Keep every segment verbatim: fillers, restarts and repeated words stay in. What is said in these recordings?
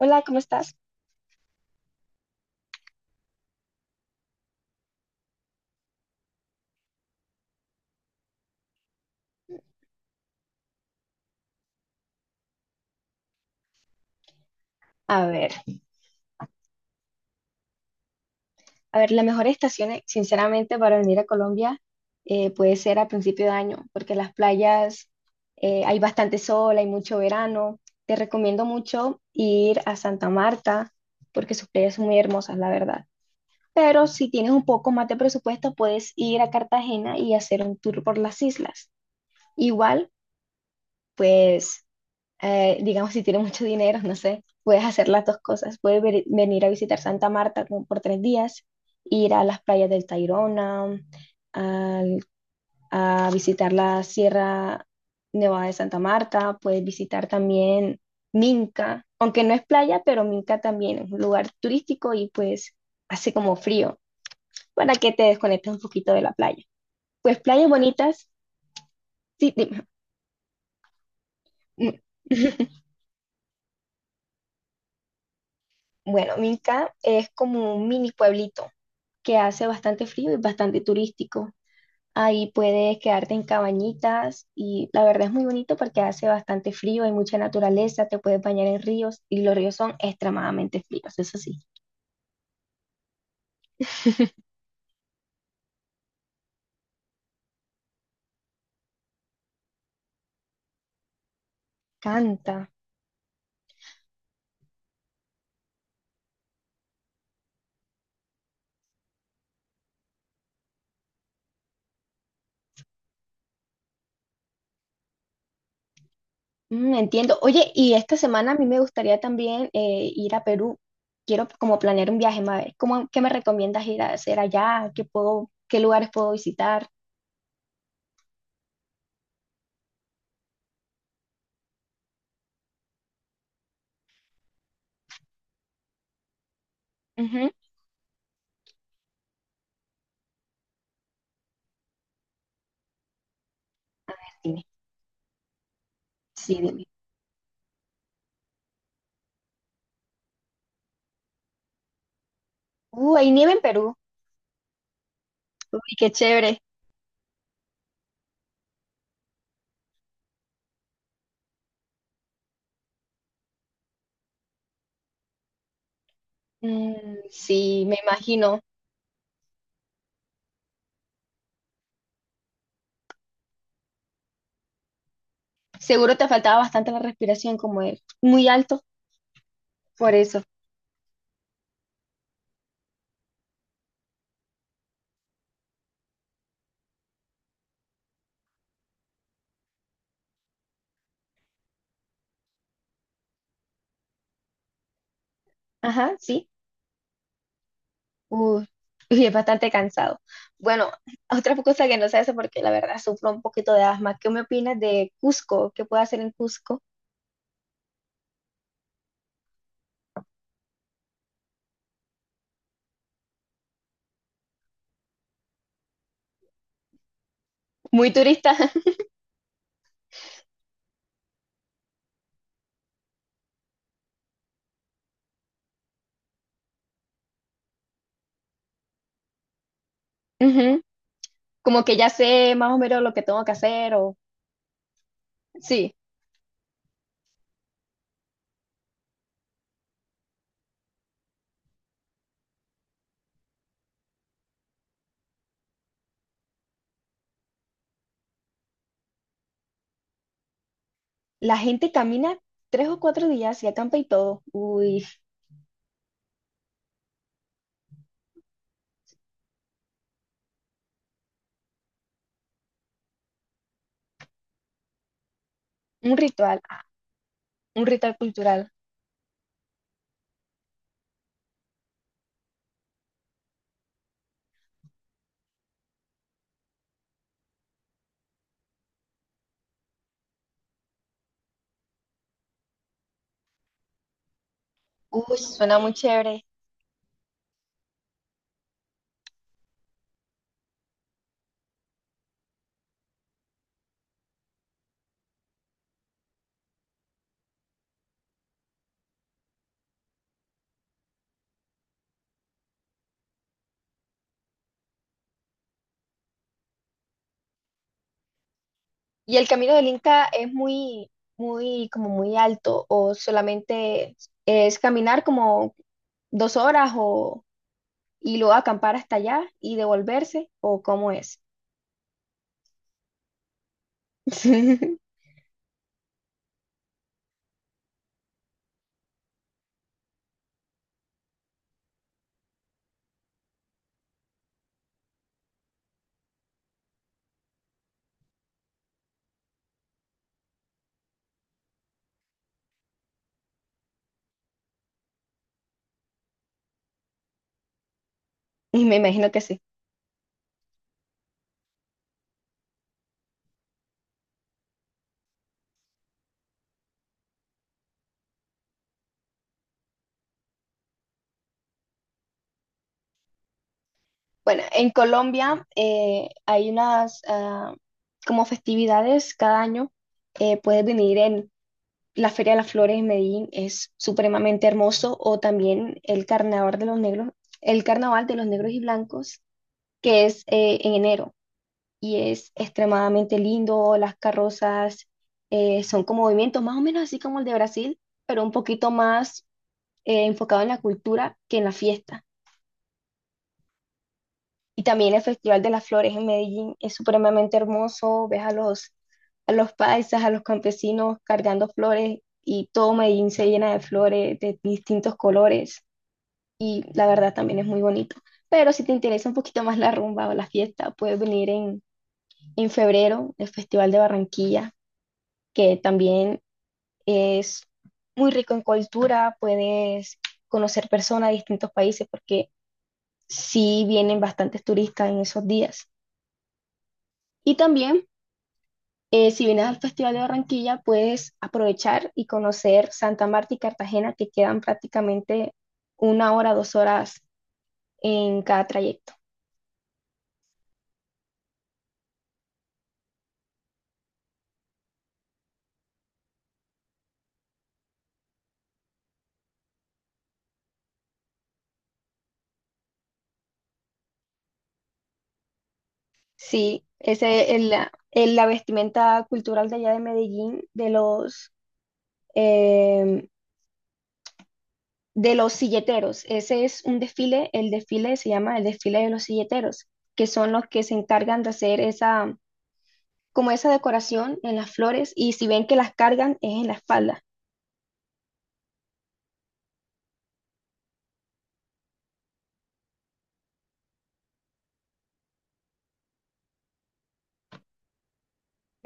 Hola, ¿cómo estás? A ver, a ver, la mejor estación, eh, sinceramente, para venir a Colombia eh, puede ser a principio de año, porque las playas eh, hay bastante sol, hay mucho verano. Te recomiendo mucho ir a Santa Marta, porque sus playas son muy hermosas, la verdad. Pero si tienes un poco más de presupuesto, puedes ir a Cartagena y hacer un tour por las islas. Igual, pues. Eh, digamos, si tienes mucho dinero, no sé, puedes hacer las dos cosas. Puedes ver- venir a visitar Santa Marta como por tres días, ir a las playas del Tayrona, al- a visitar la Sierra Nevada de Santa Marta, puedes visitar también Minca, aunque no es playa, pero Minca también es un lugar turístico y pues hace como frío para que te desconectes un poquito de la playa. Pues playas bonitas, sí, dime. Bueno, Minca es como un mini pueblito que hace bastante frío y bastante turístico. Ahí puedes quedarte en cabañitas y la verdad es muy bonito porque hace bastante frío, hay mucha naturaleza, te puedes bañar en ríos y los ríos son extremadamente fríos, eso sí. Canta. Mm, entiendo. Oye, y esta semana a mí me gustaría también eh, ir a Perú. Quiero como planear un viaje, ma- ¿Cómo, qué me recomiendas ir a hacer allá? ¿Qué puedo, qué lugares puedo visitar? Ujú. Dime. Sí, dime. Uh, hay nieve en Perú. Uy, qué chévere. Mm, sí, me imagino. Seguro te faltaba bastante la respiración, como es muy alto, por eso. Ajá, sí. Uy, y es bastante cansado. Bueno, otra cosa que no sé eso, porque la verdad sufro un poquito de asma. ¿Qué me opinas de Cusco? ¿Qué puedo hacer en Cusco? Muy turista. Ujú. Como que ya sé más o menos lo que tengo que hacer o... Sí, la gente camina tres o cuatro días y acampa y todo. Uy, un ritual, ah, un ritual cultural. Uy, suena muy chévere. Y el camino del Inca es muy, muy, como muy alto, o solamente es caminar como dos horas o y luego acampar hasta allá y devolverse, o cómo es. Y me imagino que sí. Bueno, en Colombia eh, hay unas ah, como festividades cada año. Eh, puedes venir en la Feria de las Flores en Medellín, es supremamente hermoso, o también el Carnaval de los Negros, el Carnaval de los Negros y Blancos, que es eh, en enero. Y es extremadamente lindo. Las carrozas eh, son como movimientos más o menos así como el de Brasil, pero un poquito más eh, enfocado en la cultura que en la fiesta. Y también el Festival de las Flores en Medellín es supremamente hermoso. Ves a los, a los paisas, a los campesinos cargando flores y todo Medellín se llena de flores de distintos colores y la verdad también es muy bonito. Pero si te interesa un poquito más la rumba o la fiesta, puedes venir en, en febrero, el Festival de Barranquilla que también es muy rico en cultura, puedes conocer personas de distintos países porque sí vienen bastantes turistas en esos días. Y también, eh, si vienes al Festival de Barranquilla, puedes aprovechar y conocer Santa Marta y Cartagena, que quedan prácticamente una hora, dos horas en cada trayecto. Sí, ese es la, es la vestimenta cultural de allá de Medellín, de los eh, de los silleteros. Ese es un desfile, el desfile se llama el desfile de los silleteros, que son los que se encargan de hacer esa, como esa decoración en las flores y si ven que las cargan es en la espalda.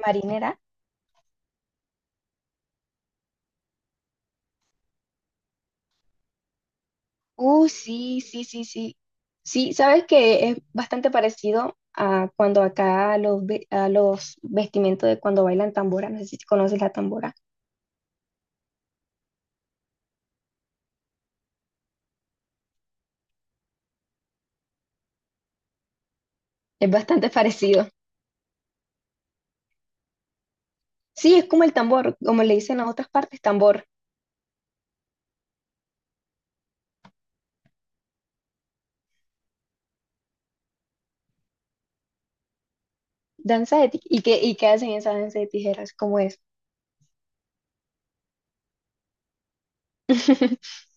Marinera. Uh, sí, sí, sí, sí. Sí, sabes que es bastante parecido a cuando acá los, ve- a los vestimentos de cuando bailan tambora, no sé si conoces la tambora, es bastante parecido. Sí, es como el tambor, como le dicen a otras partes, tambor. Danza de ti- ¿Y qué, y qué hacen esa danza de tijeras? ¿Cómo es?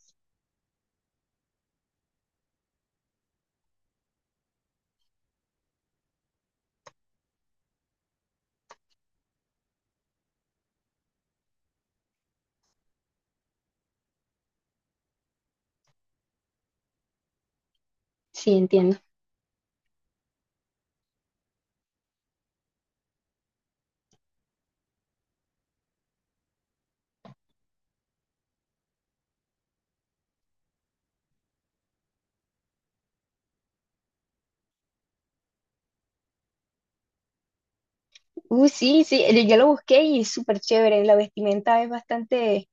Sí, entiendo. Uh, sí, sí, yo yo lo busqué y es súper chévere. La vestimenta es bastante,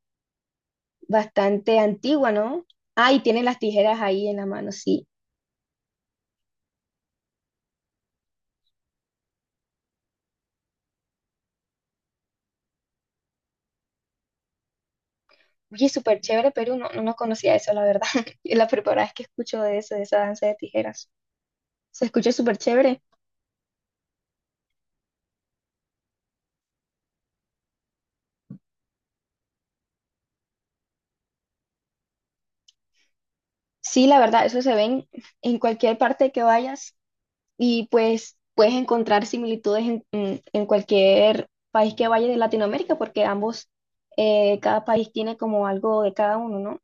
bastante antigua, ¿no? Ah, y tiene las tijeras ahí en la mano, sí. Oye, súper chévere, pero no, no no conocía eso, la verdad. Es la primera vez que escucho de eso, de esa danza de tijeras. Se escucha súper chévere. Sí, la verdad, eso se ven en en cualquier parte que vayas. Y pues puedes encontrar similitudes en, en- en cualquier país que vayas de Latinoamérica, porque ambos, eh, cada país tiene como algo de cada uno, ¿no?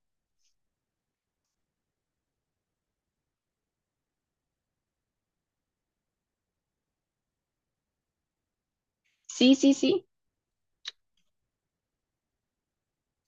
Sí, sí, sí.